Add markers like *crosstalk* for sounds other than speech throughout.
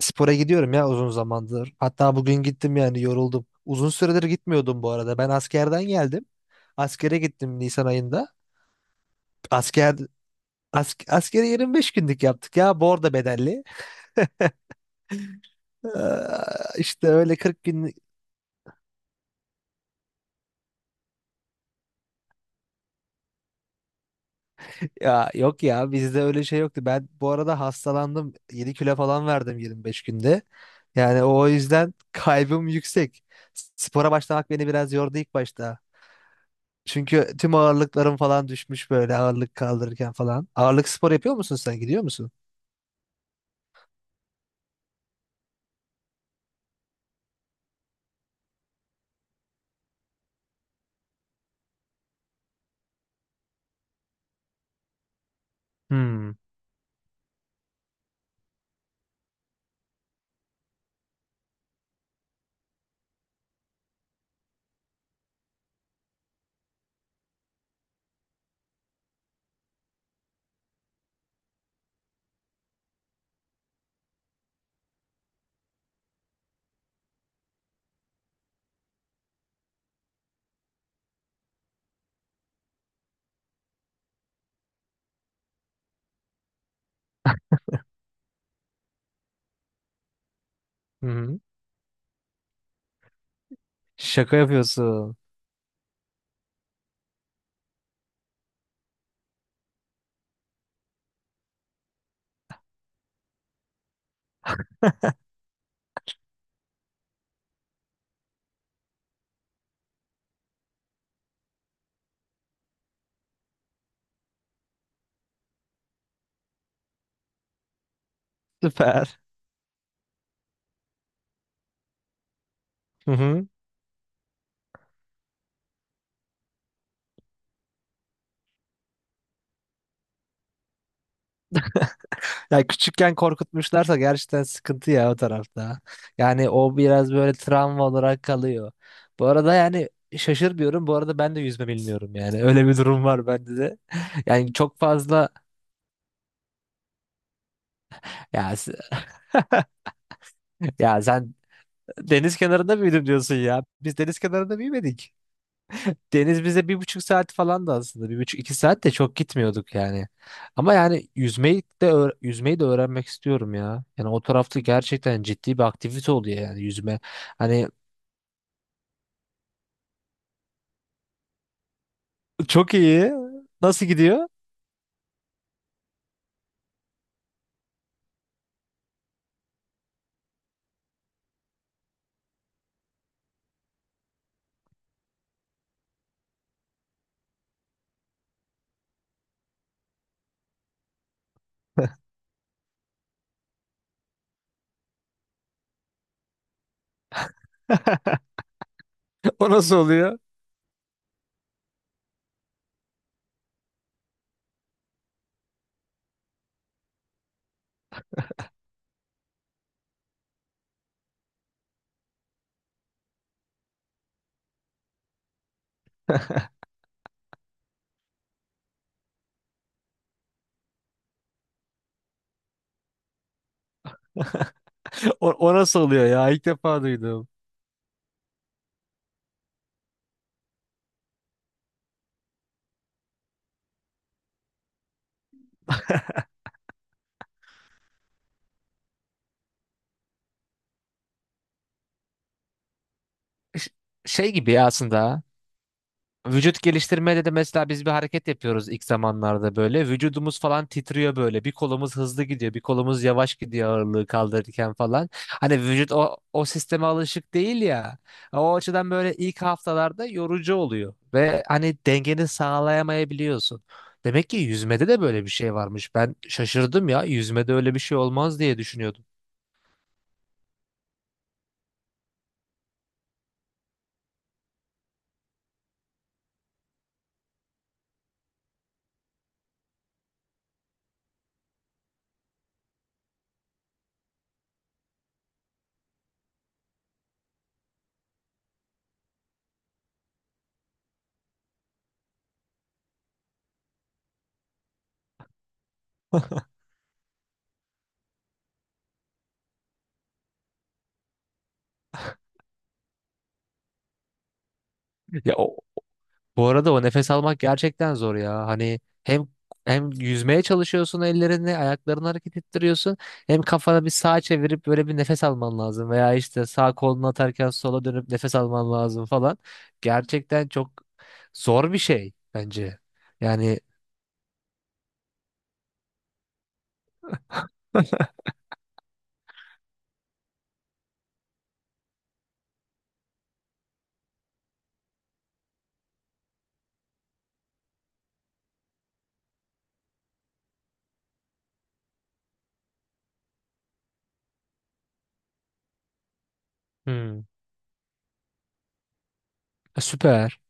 Spora gidiyorum ya uzun zamandır. Hatta bugün gittim yani yoruldum. Uzun süredir gitmiyordum bu arada. Ben askerden geldim. Askere gittim Nisan ayında. Asker askeri 25 günlük yaptık ya. Bu arada bedelli. Ee, işte öyle 40 günlük. Ya yok ya bizde öyle şey yoktu. Ben bu arada hastalandım. 7 kilo falan verdim 25 günde. Yani o yüzden *laughs* kaybım yüksek. Spora başlamak beni biraz yordu ilk başta. Çünkü tüm ağırlıklarım falan düşmüş böyle ağırlık kaldırırken falan. Ağırlık spor yapıyor musun sen? Gidiyor musun? Hmm. Hı hı. Şaka yapıyorsun. Süper. Hı hı. Ya küçükken korkutmuşlarsa gerçekten sıkıntı ya o tarafta. Yani o biraz böyle travma olarak kalıyor. Bu arada yani şaşırmıyorum. Bu arada ben de yüzme bilmiyorum yani. Öyle bir durum var bende de. *laughs* Yani çok fazla ya s- *laughs* ya sen deniz kenarında büyüdüm diyorsun ya. Biz deniz kenarında büyümedik. Deniz bize bir buçuk saat falan da aslında bir buçuk iki saat de çok gitmiyorduk yani. Ama yani yüzmeyi de öğrenmek istiyorum ya. Yani o tarafta gerçekten ciddi bir aktivite oluyor yani yüzme. Hani çok iyi. Nasıl gidiyor? *laughs* O nasıl oluyor? *laughs* O, nasıl oluyor ya? İlk defa duydum. Ş- Şey gibi ya aslında. Vücut geliştirmede de mesela biz bir hareket yapıyoruz ilk zamanlarda böyle. Vücudumuz falan titriyor böyle. Bir kolumuz hızlı gidiyor, bir kolumuz yavaş gidiyor ağırlığı kaldırırken falan. Hani vücut o sisteme alışık değil ya. O açıdan böyle ilk haftalarda yorucu oluyor. Ve hani dengeni sağlayamayabiliyorsun. Demek ki yüzmede de böyle bir şey varmış. Ben şaşırdım ya. Yüzmede öyle bir şey olmaz diye düşünüyordum. *laughs* Ya o, Bu arada o nefes almak gerçekten zor ya. Hani hem yüzmeye çalışıyorsun ellerini, ayaklarını hareket ettiriyorsun. Hem kafana bir sağa çevirip böyle bir nefes alman lazım. Veya işte sağ kolunu atarken sola dönüp nefes alman lazım falan. Gerçekten çok zor bir şey bence. Yani *laughs* hmm, süper.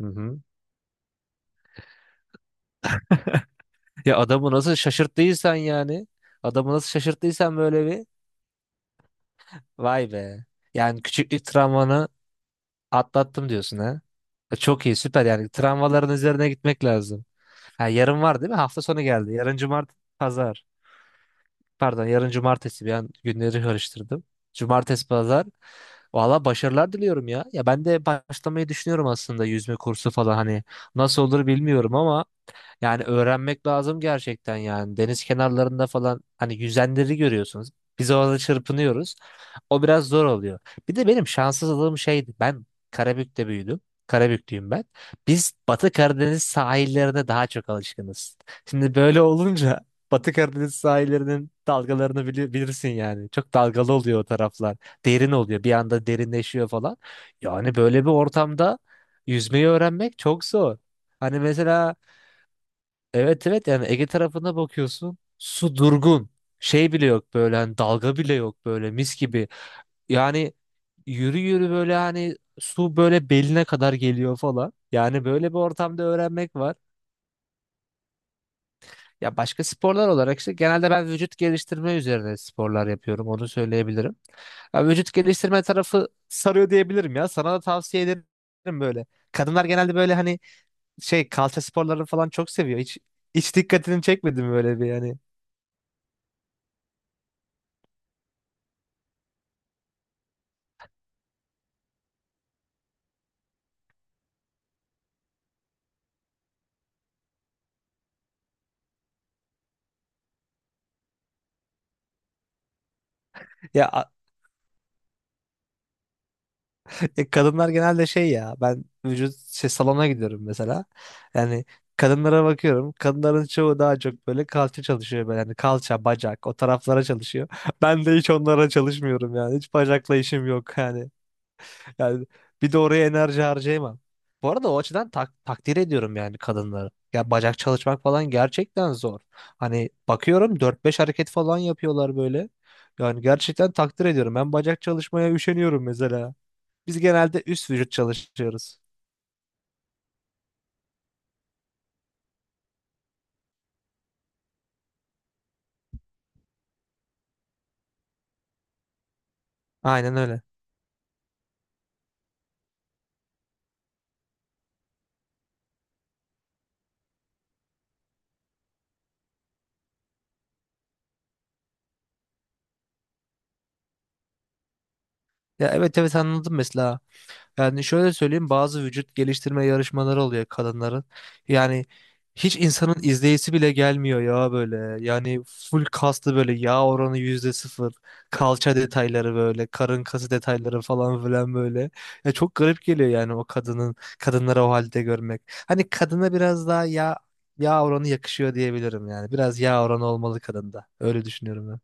Hı hı. Ya adamı nasıl şaşırttıysan yani. Adamı nasıl şaşırttıysan böyle bir. Vay be. Yani küçüklük travmanı atlattım diyorsun ha. Çok iyi süper yani travmaların üzerine gitmek lazım. Ha, yarın var değil mi? Hafta sonu geldi. Yarın cumart pazar. Pardon yarın cumartesi bir an günleri karıştırdım. Cumartesi pazar. Valla başarılar diliyorum ya. Ya ben de başlamayı düşünüyorum aslında yüzme kursu falan hani. Nasıl olur bilmiyorum ama yani öğrenmek lazım gerçekten yani. Deniz kenarlarında falan hani yüzenleri görüyorsunuz. Biz orada çırpınıyoruz. O biraz zor oluyor. Bir de benim şanssızlığım şeydi. Ben Karabük'te büyüdüm. Karabüklüyüm ben. Biz Batı Karadeniz sahillerine daha çok alışkınız. Şimdi böyle olunca Batı Karadeniz sahillerinin dalgalarını bilirsin yani. Çok dalgalı oluyor o taraflar. Derin oluyor. Bir anda derinleşiyor falan. Yani böyle bir ortamda yüzmeyi öğrenmek çok zor. Hani mesela evet evet yani Ege tarafına bakıyorsun su durgun, şey bile yok böyle, hani dalga bile yok böyle mis gibi. Yani yürü yürü böyle hani su böyle beline kadar geliyor falan. Yani böyle bir ortamda öğrenmek var. Ya başka sporlar olarak işte genelde ben vücut geliştirme üzerine sporlar yapıyorum, onu söyleyebilirim. Ya vücut geliştirme tarafı sarıyor diyebilirim, ya sana da tavsiye ederim. Böyle kadınlar genelde böyle, hani şey, kalça sporlarını falan çok seviyor, hiç dikkatini çekmedim böyle bir yani. Ya kadınlar genelde şey, ya ben vücut şey, salona gidiyorum mesela. Yani kadınlara bakıyorum. Kadınların çoğu daha çok böyle kalça çalışıyor böyle. Yani kalça, bacak o taraflara çalışıyor. *laughs* Ben de hiç onlara çalışmıyorum yani. Hiç bacakla işim yok yani. Yani bir de oraya enerji harcayamam. Bu arada o açıdan takdir ediyorum yani kadınları. Ya bacak çalışmak falan gerçekten zor. Hani bakıyorum 4 5 hareket falan yapıyorlar böyle. Yani gerçekten takdir ediyorum. Ben bacak çalışmaya üşeniyorum mesela. Biz genelde üst vücut çalışıyoruz. Aynen öyle. Ya evet evet anladım mesela. Yani şöyle söyleyeyim, bazı vücut geliştirme yarışmaları oluyor kadınların. Yani hiç insanın izleyisi bile gelmiyor ya böyle. Yani full kaslı böyle, yağ oranı %0. Kalça detayları böyle. Karın kası detayları falan filan böyle. Ya çok garip geliyor yani o kadının kadınları o halde görmek. Hani kadına biraz daha yağ oranı yakışıyor diyebilirim yani. Biraz yağ oranı olmalı kadında. Öyle düşünüyorum ben.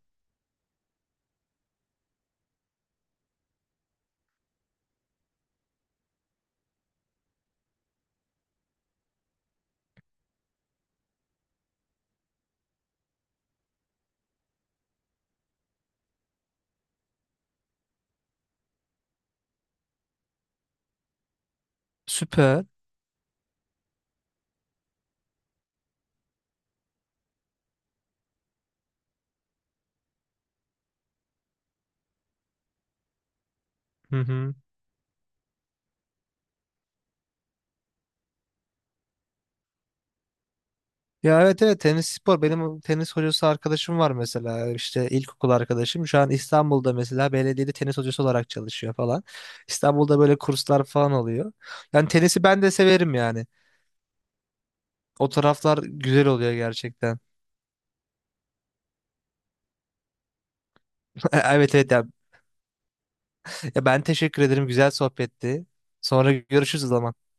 Süper. Hı hı. Ya evet evet tenis spor, benim tenis hocası arkadaşım var mesela, işte ilkokul arkadaşım şu an İstanbul'da mesela belediyede tenis hocası olarak çalışıyor falan. İstanbul'da böyle kurslar falan oluyor. Yani tenisi ben de severim yani. O taraflar güzel oluyor gerçekten. *laughs* Evet evet ya. Ya ben teşekkür ederim, güzel sohbetti. Sonra görüşürüz o zaman.